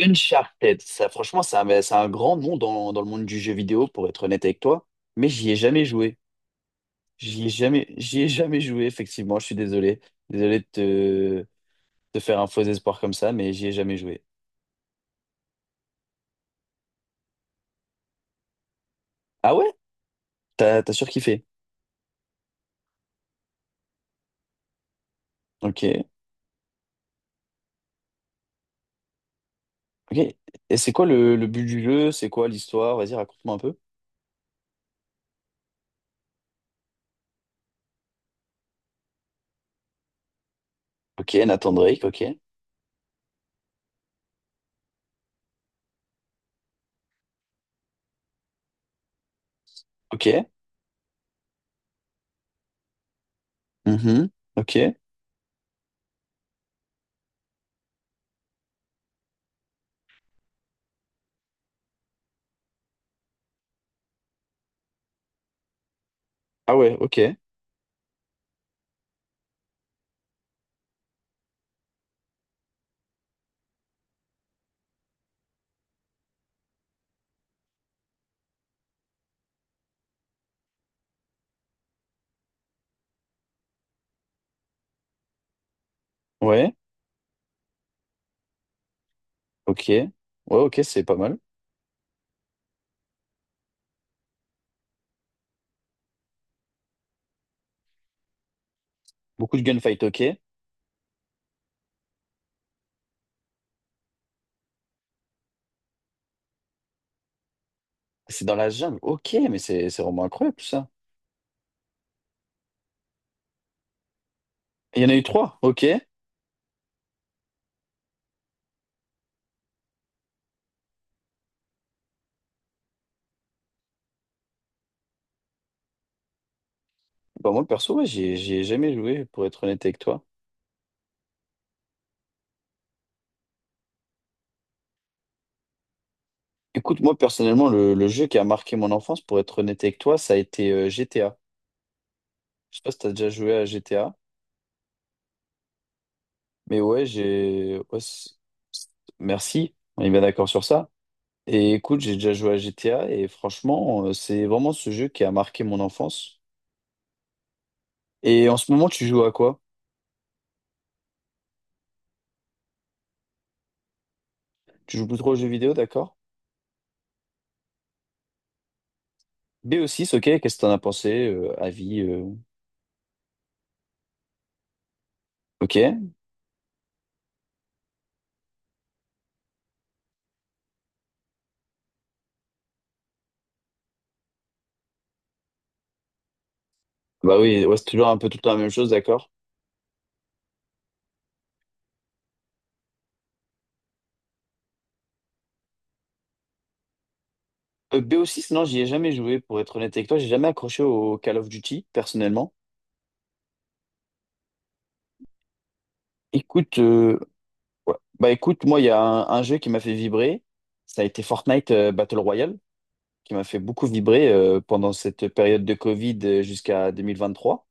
Uncharted, ça, franchement, c'est un grand nom dans le monde du jeu vidéo, pour être honnête avec toi, mais j'y ai jamais joué. J'y ai jamais joué, effectivement, je suis désolé. Désolé de te faire un faux espoir comme ça, mais j'y ai jamais joué. Ah ouais? T'as surkiffé. Ok, ok. Et c'est quoi le but du jeu? C'est quoi l'histoire? Vas-y, raconte-moi un peu. Ok, Nathan Drake, ok. Ok. Mhm. Ok. Ah ouais, ok. Ouais, ok. Ouais, ok, c'est pas mal. Beaucoup de gunfight, ok. C'est dans la jungle. Ok, mais c'est vraiment incroyable tout ça. Il y en a eu trois. Ok. Bah, moi, perso, ouais, j'y ai jamais joué, pour être honnête avec toi. Écoute, moi, personnellement, le jeu qui a marqué mon enfance, pour être honnête avec toi, ça a été GTA. Je sais pas si t'as déjà joué à GTA, mais ouais, j'ai. Ouais, c'est- merci. On est bien d'accord sur ça. Et écoute, j'ai déjà joué à GTA et franchement, c'est vraiment ce jeu qui a marqué mon enfance. Et en ce moment, tu joues à quoi? Tu joues plus trop aux jeux vidéo, d'accord? B6, ok, qu'est-ce que t'en as pensé? Avis. Ok. Bah oui, ouais, c'est toujours un peu tout le temps la même chose, d'accord. B o 6 non, j'y ai jamais joué, pour être honnête avec toi, j'ai jamais accroché au Call of Duty, personnellement. Écoute, ouais. Bah écoute, moi, il y a un jeu qui m'a fait vibrer, ça a été Fortnite Battle Royale, qui m'a fait beaucoup vibrer pendant cette période de Covid jusqu'à 2023.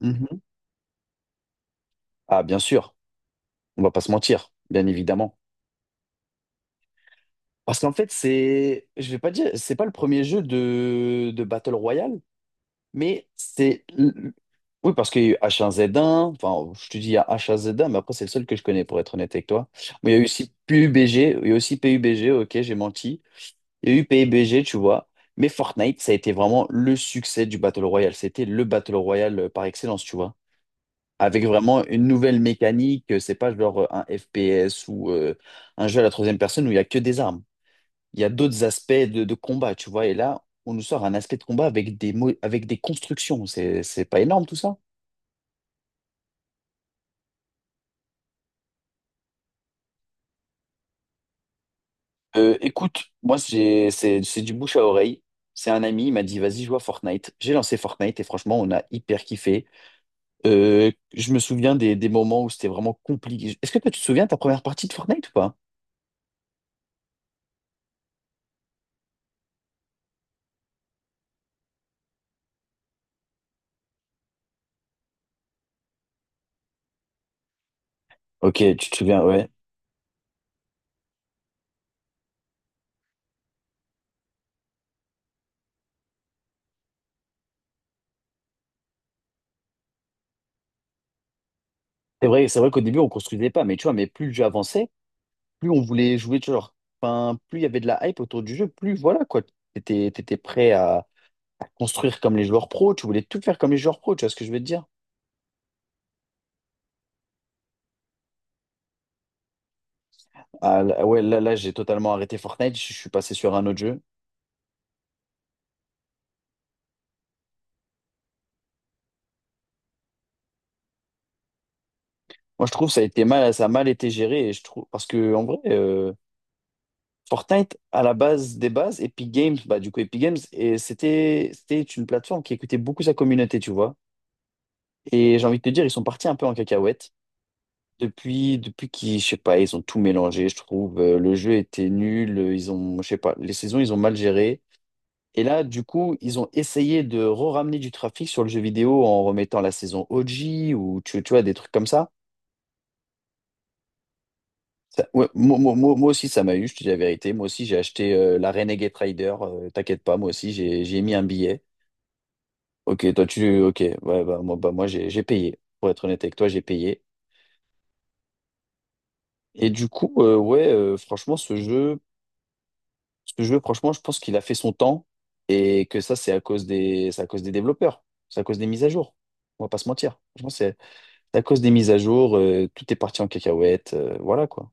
Mhm. Ah, bien sûr, on va pas se mentir, bien évidemment. Parce qu'en fait, c'est, je vais pas dire, c'est pas le premier jeu de Battle Royale. Mais c'est. Oui, parce qu'il y a eu H1Z1, enfin, je te dis il y a H1Z1, mais après, c'est le seul que je connais, pour être honnête avec toi. Mais il y a eu aussi PUBG, il y a aussi PUBG, ok, j'ai menti. Il y a eu PUBG, tu vois. Mais Fortnite, ça a été vraiment le succès du Battle Royale. C'était le Battle Royale par excellence, tu vois. Avec vraiment une nouvelle mécanique, c'est pas genre un FPS ou un jeu à la troisième personne où il y a que des armes. Il y a d'autres aspects de combat, tu vois. Et là, on nous sort un aspect de combat avec avec des constructions. C'est pas énorme tout ça? Écoute, moi, c'est du bouche à oreille. C'est un ami, il m'a dit, vas-y, joue à Fortnite. J'ai lancé Fortnite et franchement, on a hyper kiffé. Je me souviens des moments où c'était vraiment compliqué. Est-ce que toi, tu te souviens de ta première partie de Fortnite ou pas? Ok, tu te souviens, ouais. C'est vrai qu'au début, on construisait pas, mais tu vois, mais plus le jeu avançait, plus on voulait jouer, tu vois, genre, enfin, plus il y avait de la hype autour du jeu, plus voilà, quoi. T'étais prêt à construire comme les joueurs pros, tu voulais tout faire comme les joueurs pros, tu vois ce que je veux te dire? Ah, ouais, là, là, j'ai totalement arrêté Fortnite, je suis passé sur un autre jeu. Moi, je trouve que ça a été mal, ça a mal été géré, et je trouve, parce que, en vrai, Fortnite, à la base des bases, Epic Games, bah, du coup, Epic Games, et c'était une plateforme qui écoutait beaucoup sa communauté, tu vois. Et j'ai envie de te dire, ils sont partis un peu en cacahuète. Depuis qu'ils, je sais pas, ils ont tout mélangé, je trouve. Le jeu était nul, ils ont, je sais pas, les saisons, ils ont mal géré. Et là, du coup, ils ont essayé de re-ramener du trafic sur le jeu vidéo en remettant la saison OG ou tu vois, des trucs comme ça. Ouais, moi, moi aussi, ça m'a eu, je te dis la vérité. Moi aussi, j'ai acheté la Renegade Rider. T'inquiète pas, moi aussi, j'ai mis un billet. Ok, toi, tu. Ok, ouais, bah, moi j'ai payé. Pour être honnête avec toi, j'ai payé. Et du coup, ouais, franchement, ce jeu, franchement, je pense qu'il a fait son temps et que ça, c'est à cause des développeurs. C'est à cause des mises à jour. On va pas se mentir. Franchement, à cause des mises à jour, tout est parti en cacahuète, voilà quoi.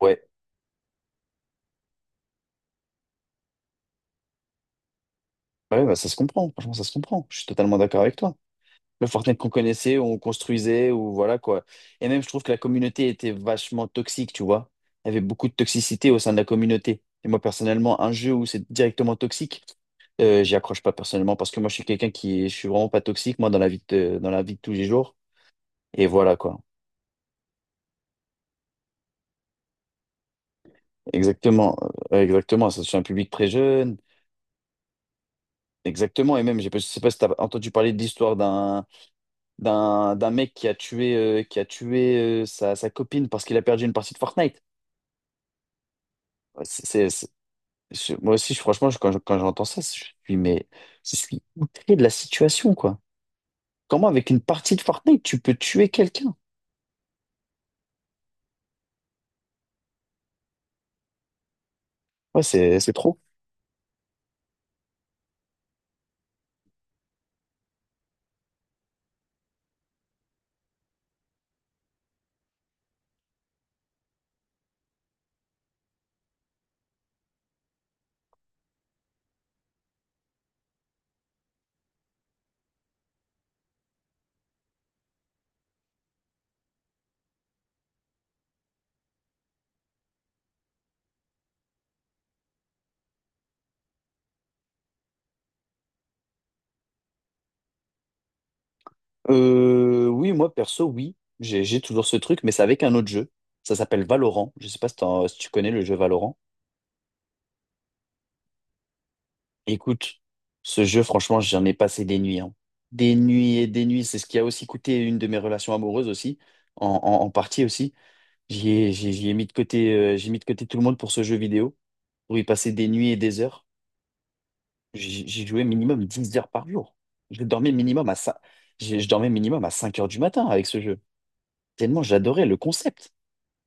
Ouais, ouais, bah, ça se comprend, franchement, ça se comprend. Je suis totalement d'accord avec toi. Le Fortnite qu'on connaissait, où on construisait, ou voilà quoi. Et même, je trouve que la communauté était vachement toxique, tu vois. Il y avait beaucoup de toxicité au sein de la communauté. Et moi, personnellement, un jeu où c'est directement toxique, j'y accroche pas personnellement parce que moi, je suis quelqu'un qui, je suis vraiment pas toxique, moi, dans la vie de tous les jours. Et voilà quoi. Exactement, exactement. Ça, c'est un public très jeune. Exactement, et même, j'ai pas- je sais pas si tu as entendu parler de l'histoire d'un mec qui a tué, sa copine parce qu'il a perdu une partie de Fortnite. Ouais. Moi aussi, franchement, quand j'entends ça, je suis, mais je suis outré de la situation, quoi. Comment, avec une partie de Fortnite, tu peux tuer quelqu'un? Ouais, c'est trop. Oui, moi perso, oui, j'ai toujours ce truc, mais c'est avec un autre jeu. Ça s'appelle Valorant. Je sais pas si tu connais le jeu Valorant. Écoute, ce jeu, franchement, j'en ai passé des nuits. Hein. Des nuits et des nuits. C'est ce qui a aussi coûté une de mes relations amoureuses aussi, en partie aussi. J'y ai mis de côté, j'ai mis de côté tout le monde pour ce jeu vidéo, pour y passer des nuits et des heures. J'y jouais minimum 10 heures par jour. Je dormais minimum à 5, je dormais minimum à 5 heures du matin avec ce jeu. Tellement j'adorais le concept.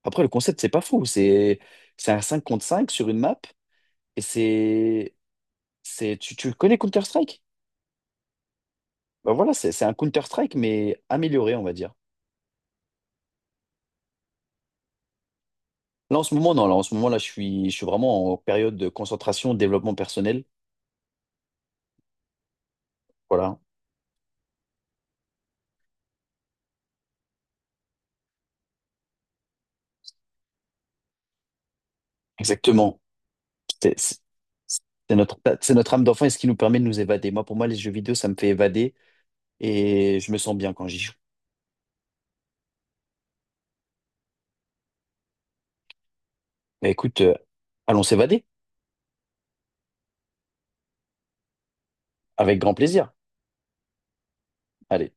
Après, le concept, c'est pas fou. C'est un 5 contre 5 sur une map. Et tu le connais Counter-Strike? Bah voilà, c'est un Counter-Strike, mais amélioré, on va dire. Là, en ce moment, non, là, en ce moment, là, je suis vraiment en période de concentration, développement personnel. Voilà, exactement. C'est c'est- c'est notre âme d'enfant et ce qui nous permet de nous évader. Moi, pour moi, les jeux vidéo, ça me fait évader et je me sens bien quand j'y joue. Bah écoute, allons s'évader avec grand plaisir. Allez.